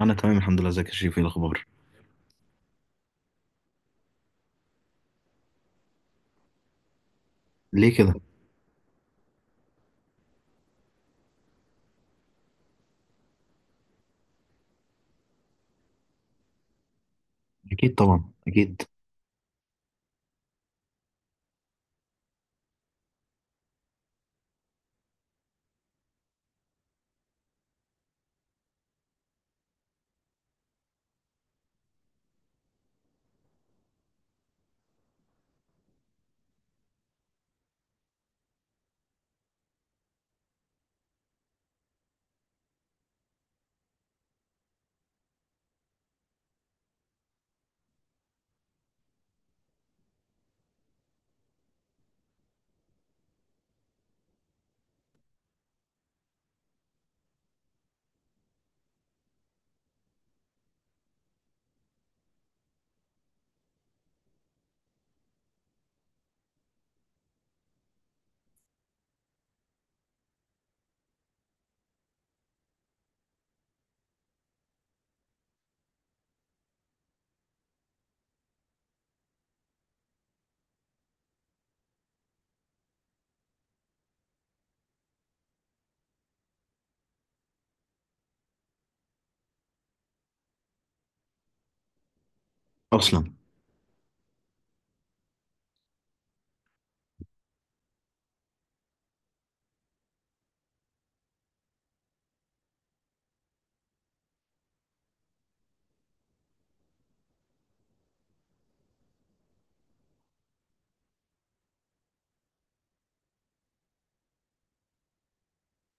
انا تمام، الحمد لله. ازيك يا شريف؟ ايه الاخبار؟ ليه كده؟ اكيد طبعا، اكيد. اصلا.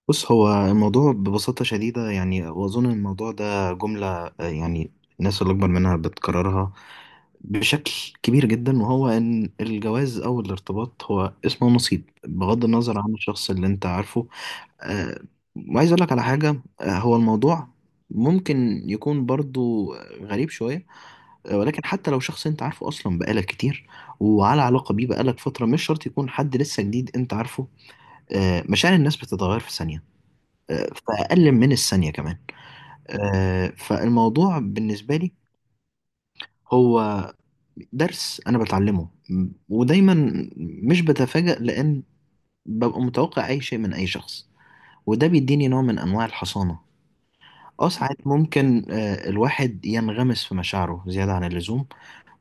بص، هو الموضوع ببساطه شديده، يعني واظن الموضوع ده جمله. يعني الناس اللي اكبر منها بتكررها بشكل كبير جدا، وهو ان الجواز او الارتباط هو اسمه نصيب بغض النظر عن الشخص اللي انت عارفه. آه، وعايز اقول لك على حاجه. هو الموضوع ممكن يكون برضو غريب شويه، ولكن حتى لو شخص انت عارفه اصلا بقالك كتير وعلى علاقه بيه بقالك فتره، مش شرط يكون حد لسه جديد انت عارفه. مشاعر الناس بتتغير في ثانيه، في اقل من الثانيه كمان. فالموضوع بالنسبه لي هو درس انا بتعلمه، ودايما مش بتفاجأ، لان ببقى متوقع اي شيء من اي شخص، وده بيديني نوع من انواع الحصانه. اه، ساعات ممكن الواحد ينغمس في مشاعره زياده عن اللزوم،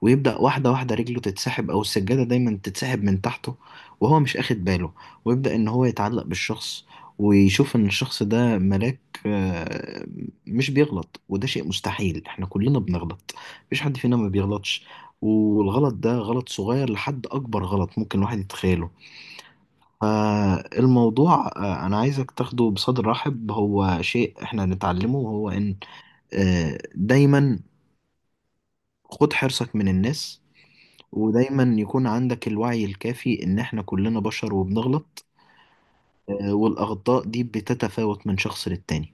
ويبدأ واحدة واحدة رجله تتسحب، أو السجادة دايما تتسحب من تحته وهو مش أخد باله، ويبدأ إن هو يتعلق بالشخص ويشوف إن الشخص ده ملاك، آه، مش بيغلط. وده شيء مستحيل، إحنا كلنا بنغلط، مفيش حد فينا ما بيغلطش. والغلط ده غلط صغير لحد أكبر غلط ممكن الواحد يتخيله. فالموضوع أنا عايزك تاخده بصدر رحب. هو شيء إحنا نتعلمه، هو إن دايما خد حرصك من الناس، ودايما يكون عندك الوعي الكافي ان احنا كلنا بشر وبنغلط. والاخطاء دي بتتفاوت من شخص للتاني.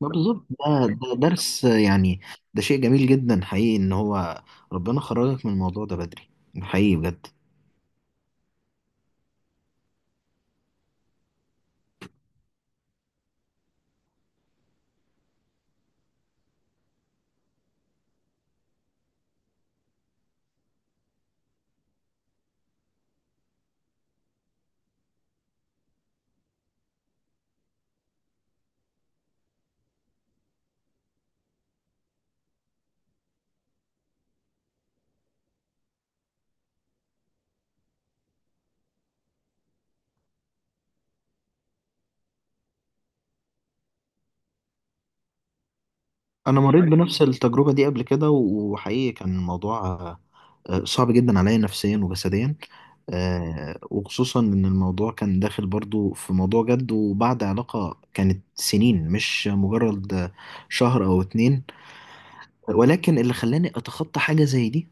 ما بالظبط، ده درس. يعني ده شيء جميل جدا حقيقي ان هو ربنا خرجك من الموضوع ده بدري. حقيقي بجد. انا مريت بنفس التجربة دي قبل كده، وحقيقي كان الموضوع صعب جدا عليا نفسيا وجسديا. وخصوصا ان الموضوع كان داخل برضو في موضوع جد، وبعد علاقة كانت سنين، مش مجرد شهر او اتنين. ولكن اللي خلاني اتخطى حاجه زي دي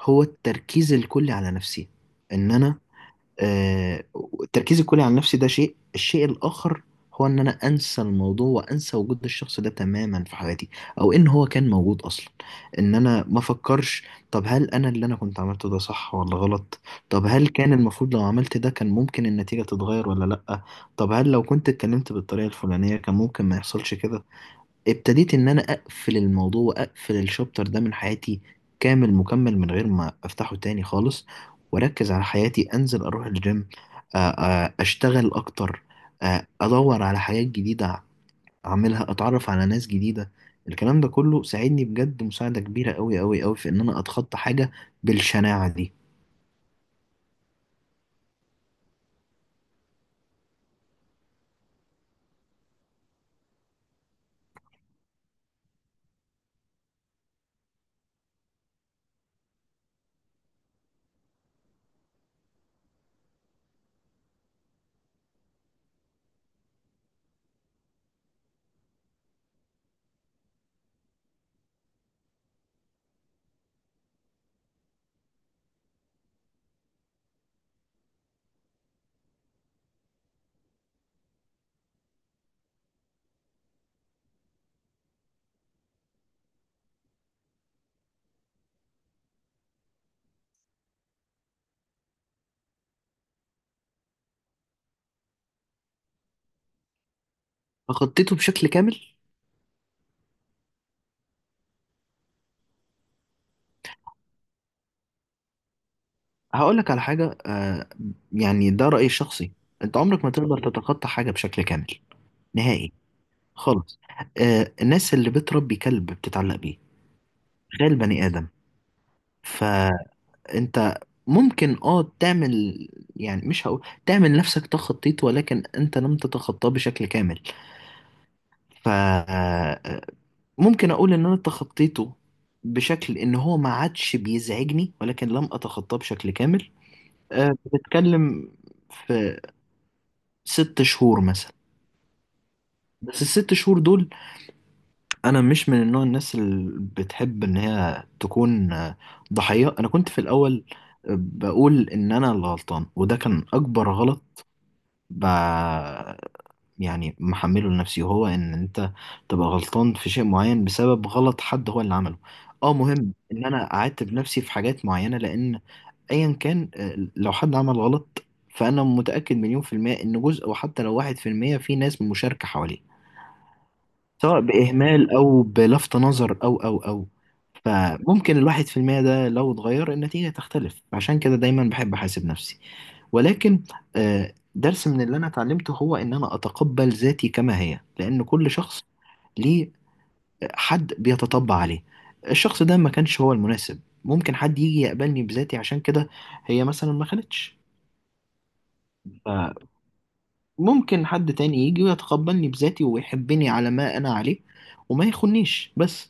هو التركيز الكلي على نفسي. ان انا آه، التركيز الكلي على نفسي ده شيء. الشيء الاخر هو ان انا انسى الموضوع وانسى وجود الشخص ده تماما في حياتي، او ان هو كان موجود اصلا. ان انا ما افكرش. طب هل انا اللي انا كنت عملته ده صح ولا غلط؟ طب هل كان المفروض لو عملت ده كان ممكن النتيجه تتغير ولا لا؟ طب هل لو كنت اتكلمت بالطريقه الفلانيه كان ممكن ما يحصلش كده؟ ابتديت ان انا اقفل الموضوع واقفل الشابتر ده من حياتي، كامل مكمل، من غير ما افتحه تاني خالص. واركز على حياتي، انزل اروح الجيم، اشتغل اكتر، ادور على حاجات جديدة اعملها، اتعرف على ناس جديدة. الكلام ده كله ساعدني بجد مساعدة كبيرة قوي قوي قوي في ان انا اتخطى حاجة بالشناعة دي. فخطيته بشكل كامل. هقولك على حاجة، يعني ده رأيي الشخصي. انت عمرك ما تقدر تتخطى حاجة بشكل كامل، نهائي خالص. الناس اللي بتربي كلب بتتعلق بيه، تخيل بني آدم. فأنت ممكن تعمل، يعني مش هقول تعمل نفسك تخطيط، ولكن انت لم تتخطاه بشكل كامل. ف آه، ممكن اقول ان انا تخطيته بشكل ان هو ما عادش بيزعجني، ولكن لم اتخطاه بشكل كامل. بتتكلم في 6 شهور مثلا. بس الست شهور دول، انا مش من النوع الناس اللي بتحب ان هي تكون ضحية. انا كنت في الاول بقول ان انا اللي غلطان، وده كان اكبر غلط. ب... يعني محمله لنفسي، وهو ان انت تبقى غلطان في شيء معين بسبب غلط حد هو اللي عمله. اه، مهم ان انا اعاتب نفسي في حاجات معينة، لان ايا كان، لو حد عمل غلط فانا متأكد مليون% ان جزء، وحتى لو 1%، في ناس مشاركة حواليه، سواء بإهمال أو بلفت نظر أو فممكن الواحد في المية ده لو اتغير، النتيجة تختلف. عشان كده دايما بحب أحاسب نفسي. ولكن درس من اللي أنا اتعلمته هو إن أنا أتقبل ذاتي كما هي، لأن كل شخص ليه حد بيتطبع عليه. الشخص ده ما كانش هو المناسب، ممكن حد يجي يقبلني بذاتي. عشان كده هي مثلا ما خلتش، فممكن حد تاني يجي ويتقبلني بذاتي ويحبني على ما أنا عليه وما يخنيش بس.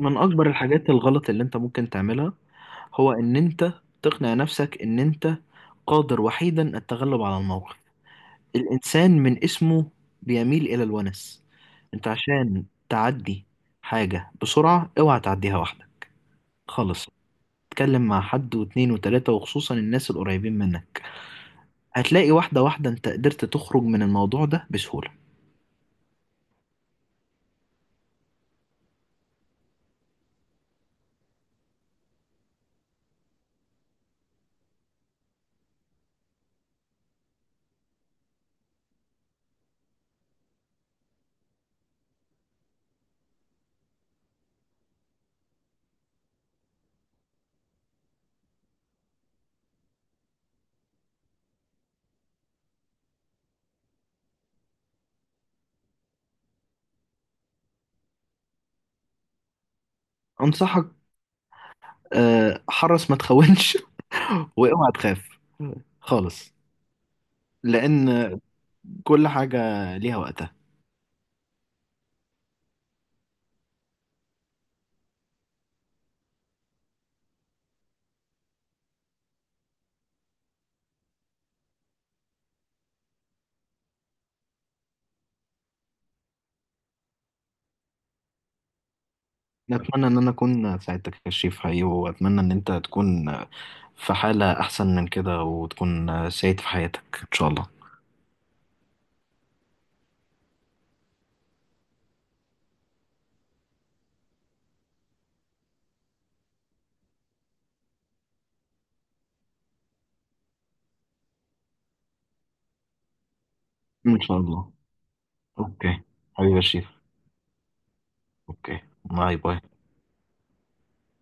من اكبر الحاجات الغلط اللي انت ممكن تعملها هو ان انت تقنع نفسك ان انت قادر وحيدا التغلب على الموقف. الانسان من اسمه بيميل الى الونس. انت عشان تعدي حاجة بسرعة، اوعى تعديها واحدة خالص. اتكلم مع حد واتنين وتلاتة، وخصوصا الناس القريبين منك. هتلاقي واحدة واحدة انت قدرت تخرج من الموضوع ده بسهولة. انصحك، حرص ما تخونش. واوعى تخاف خالص، لان كل حاجة ليها وقتها. أتمنى إن أنا أكون ساعدتك يا شريف، حقيقي، وأتمنى إن أنت تكون في حالة أحسن من كده، وتكون سعيد في حياتك إن شاء الله. إن شاء الله. أوكي. حبيبي يا شريف. أوكي. باي باي.